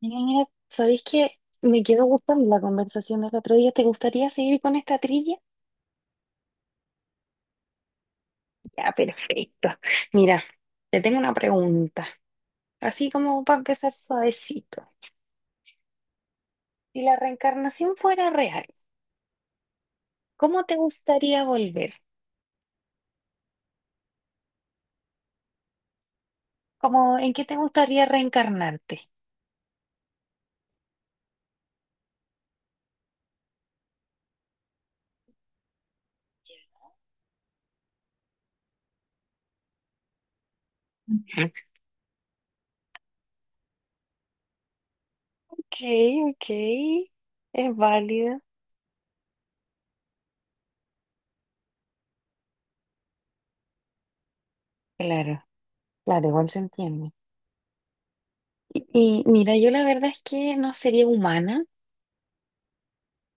Mira, mira, ¿sabéis que me quedó gustando la conversación del otro día? ¿Te gustaría seguir con esta trivia? Ya, perfecto. Mira, te tengo una pregunta, así como para empezar suavecito. Si la reencarnación fuera real, ¿cómo te gustaría volver? ¿Cómo, en qué te gustaría reencarnarte? Ujú. Ok, ok, es válido. Claro, claro, igual se entiende. Y, y mira, yo la verdad es que no sería humana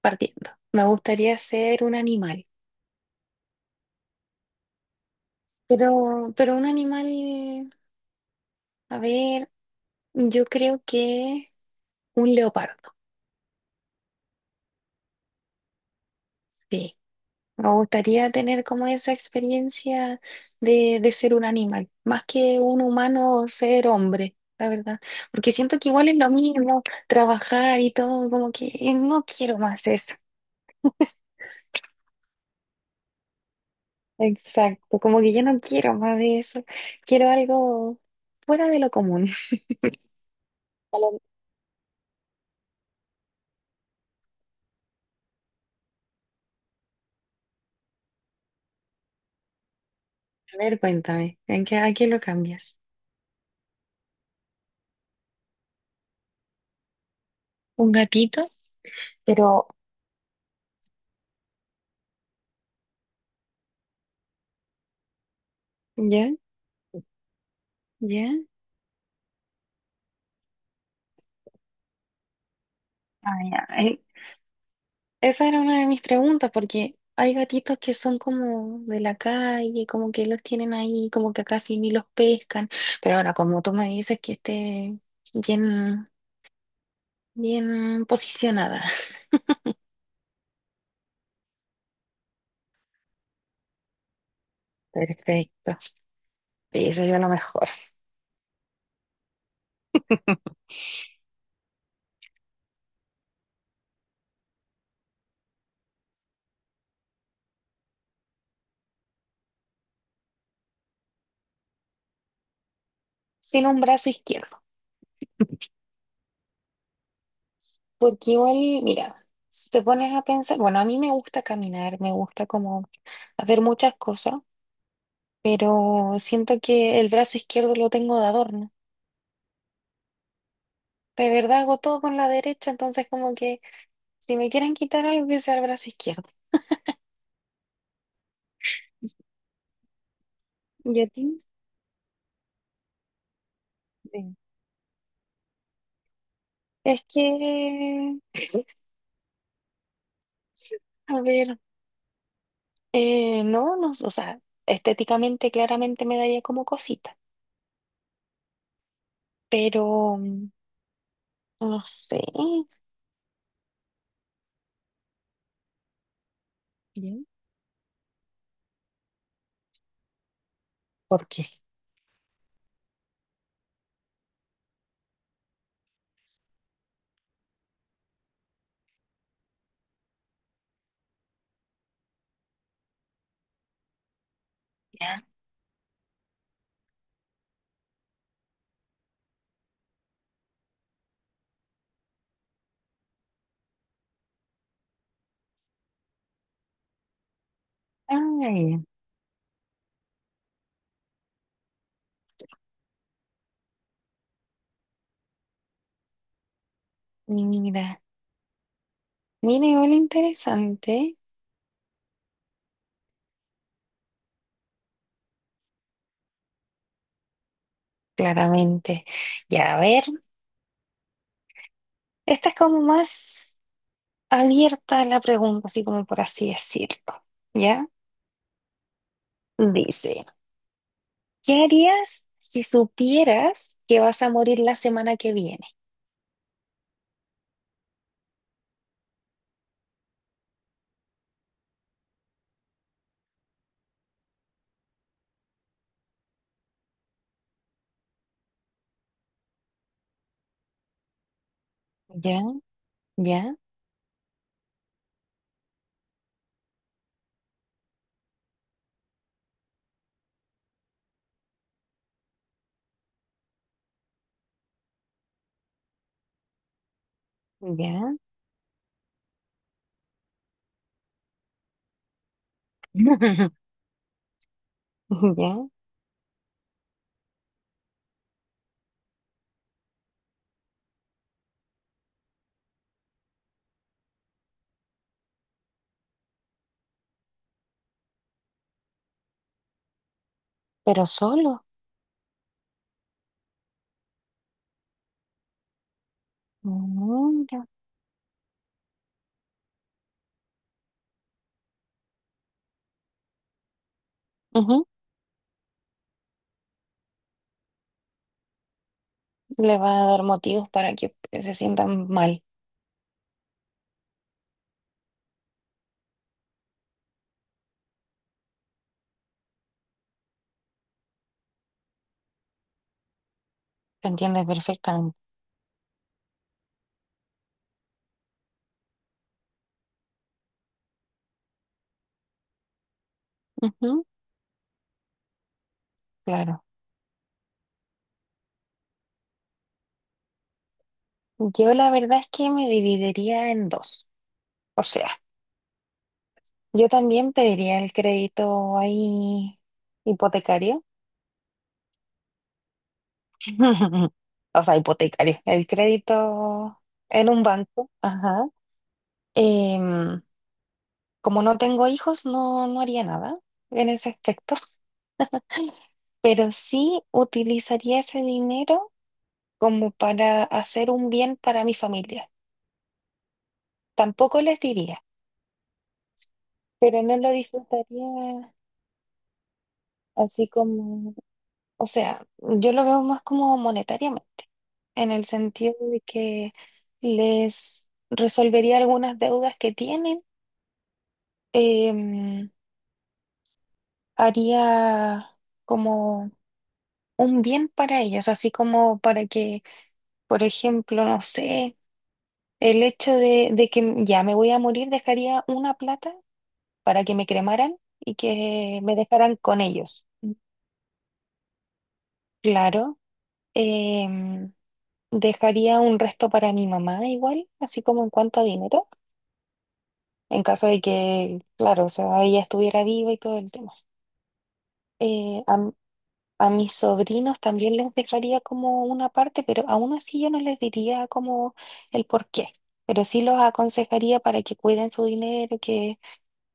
partiendo. Me gustaría ser un animal. Pero un animal, a ver, yo creo que un leopardo, sí. Me gustaría tener como esa experiencia de ser un animal, más que un humano o ser hombre, la verdad. Porque siento que igual es lo mismo, trabajar y todo, como que no quiero más eso. Exacto, como que yo no quiero más de eso. Quiero algo fuera de lo común. A lo- a ver, cuéntame, ¿en qué, a qué lo cambias? ¿Un gatito? Pero ¿ya? ¿Ya? Ah, ya. Esa era una de mis preguntas, porque hay gatitos que son como de la calle, como que los tienen ahí, como que casi ni los pescan. Pero ahora, como tú me dices que esté bien, bien posicionada. Perfecto. Sí, sería lo mejor. Sin un brazo izquierdo. Porque igual, mira, si te pones a pensar, bueno, a mí me gusta caminar, me gusta como hacer muchas cosas, pero siento que el brazo izquierdo lo tengo de adorno. De verdad hago todo con la derecha, entonces como que si me quieren quitar algo que sea el brazo izquierdo. ¿Y a ti? Sí. Es que, a ver, no, no, o sea, estéticamente claramente me daría como cosita, pero no sé. Bien. Por qué. Ya. Ay, mira, mira, igual interesante, claramente. Ya, a ver, esta es como más abierta la pregunta, así como por así decirlo. ¿Ya? Dice, ¿qué harías si supieras que vas a morir la semana que viene? Ya, ya, ya, ya, pero solo. Mira. Ujú, le va a dar motivos para que se sientan mal. ¿Te entiendes perfectamente? Ujú, claro. Yo la verdad es que me dividiría en dos. O sea, yo también pediría el crédito ahí hipotecario. O sea, hipotecario. El crédito en un banco. Ajá. Em, Como no tengo hijos, no, no haría nada en ese aspecto, pero sí utilizaría ese dinero como para hacer un bien para mi familia. Tampoco les diría, pero no lo disfrutaría así como, o sea, yo lo veo más como monetariamente, en el sentido de que les resolvería algunas deudas que tienen. em, Haría como un bien para ellos, así como para que, por ejemplo, no sé, el hecho de que ya me voy a morir, dejaría una plata para que me cremaran y que me dejaran con ellos. Claro, em, dejaría un resto para mi mamá igual, así como en cuanto a dinero, en caso de que, claro, o sea, ella estuviera viva y todo el tema. Eh, a A mis sobrinos también les dejaría como una parte, pero aún así yo no les diría como el por qué, pero sí los aconsejaría para que cuiden su dinero,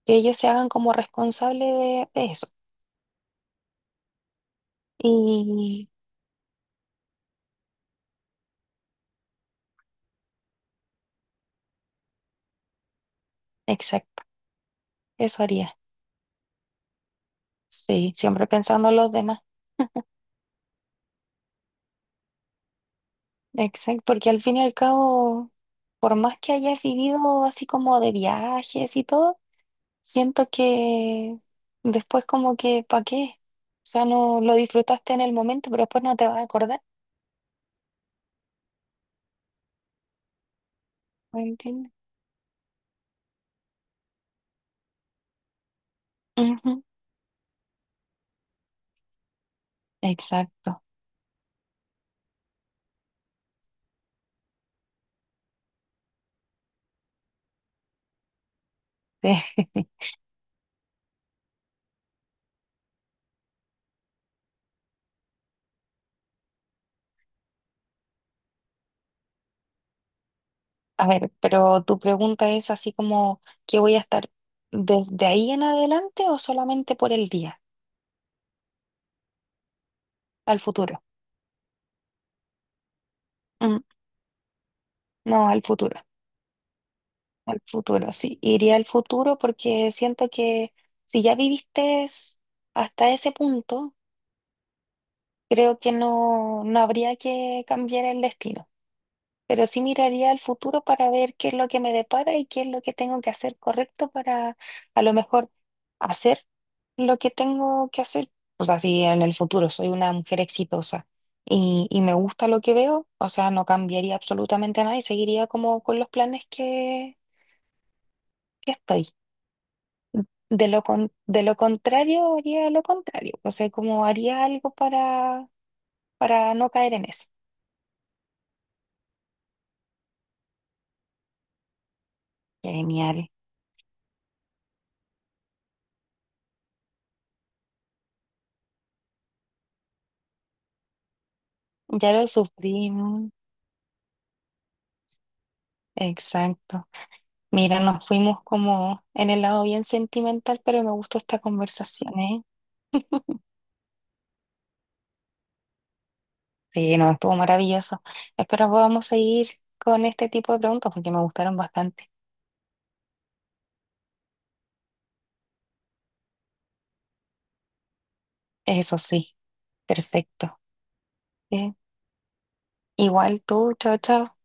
que ellos se hagan como responsables de eso. Y exacto, eso haría. Sí, siempre pensando en los demás. Exacto, porque al fin y al cabo, por más que hayas vivido así como de viajes y todo, siento que después como que, ¿para qué? O sea, no lo disfrutaste en el momento, pero después no te vas a acordar, ¿me entiendes? Ujú, exacto. A ver, pero tu pregunta es así como, ¿qué voy a estar desde ahí en adelante o solamente por el día, al futuro? Mm, no, al futuro, sí. Iría al futuro porque siento que si ya viviste hasta ese punto, creo que no, no habría que cambiar el destino. Pero sí miraría al futuro para ver qué es lo que me depara y qué es lo que tengo que hacer correcto para a lo mejor hacer lo que tengo que hacer. O sea, si en el futuro soy una mujer exitosa y me gusta lo que veo, o sea, no cambiaría absolutamente nada y seguiría como con los planes que estoy. De lo con- de lo contrario, haría lo contrario. O sea, como haría algo para no caer en eso. Genial. Ya lo sufrimos. Exacto. Mira, nos fuimos como en el lado bien sentimental, pero me gustó esta conversación, ¿eh? Sí, no, estuvo maravilloso. Espero podamos seguir con este tipo de preguntas porque me gustaron bastante. Eso sí, perfecto. ¿Eh? Igual tú, chao, chao.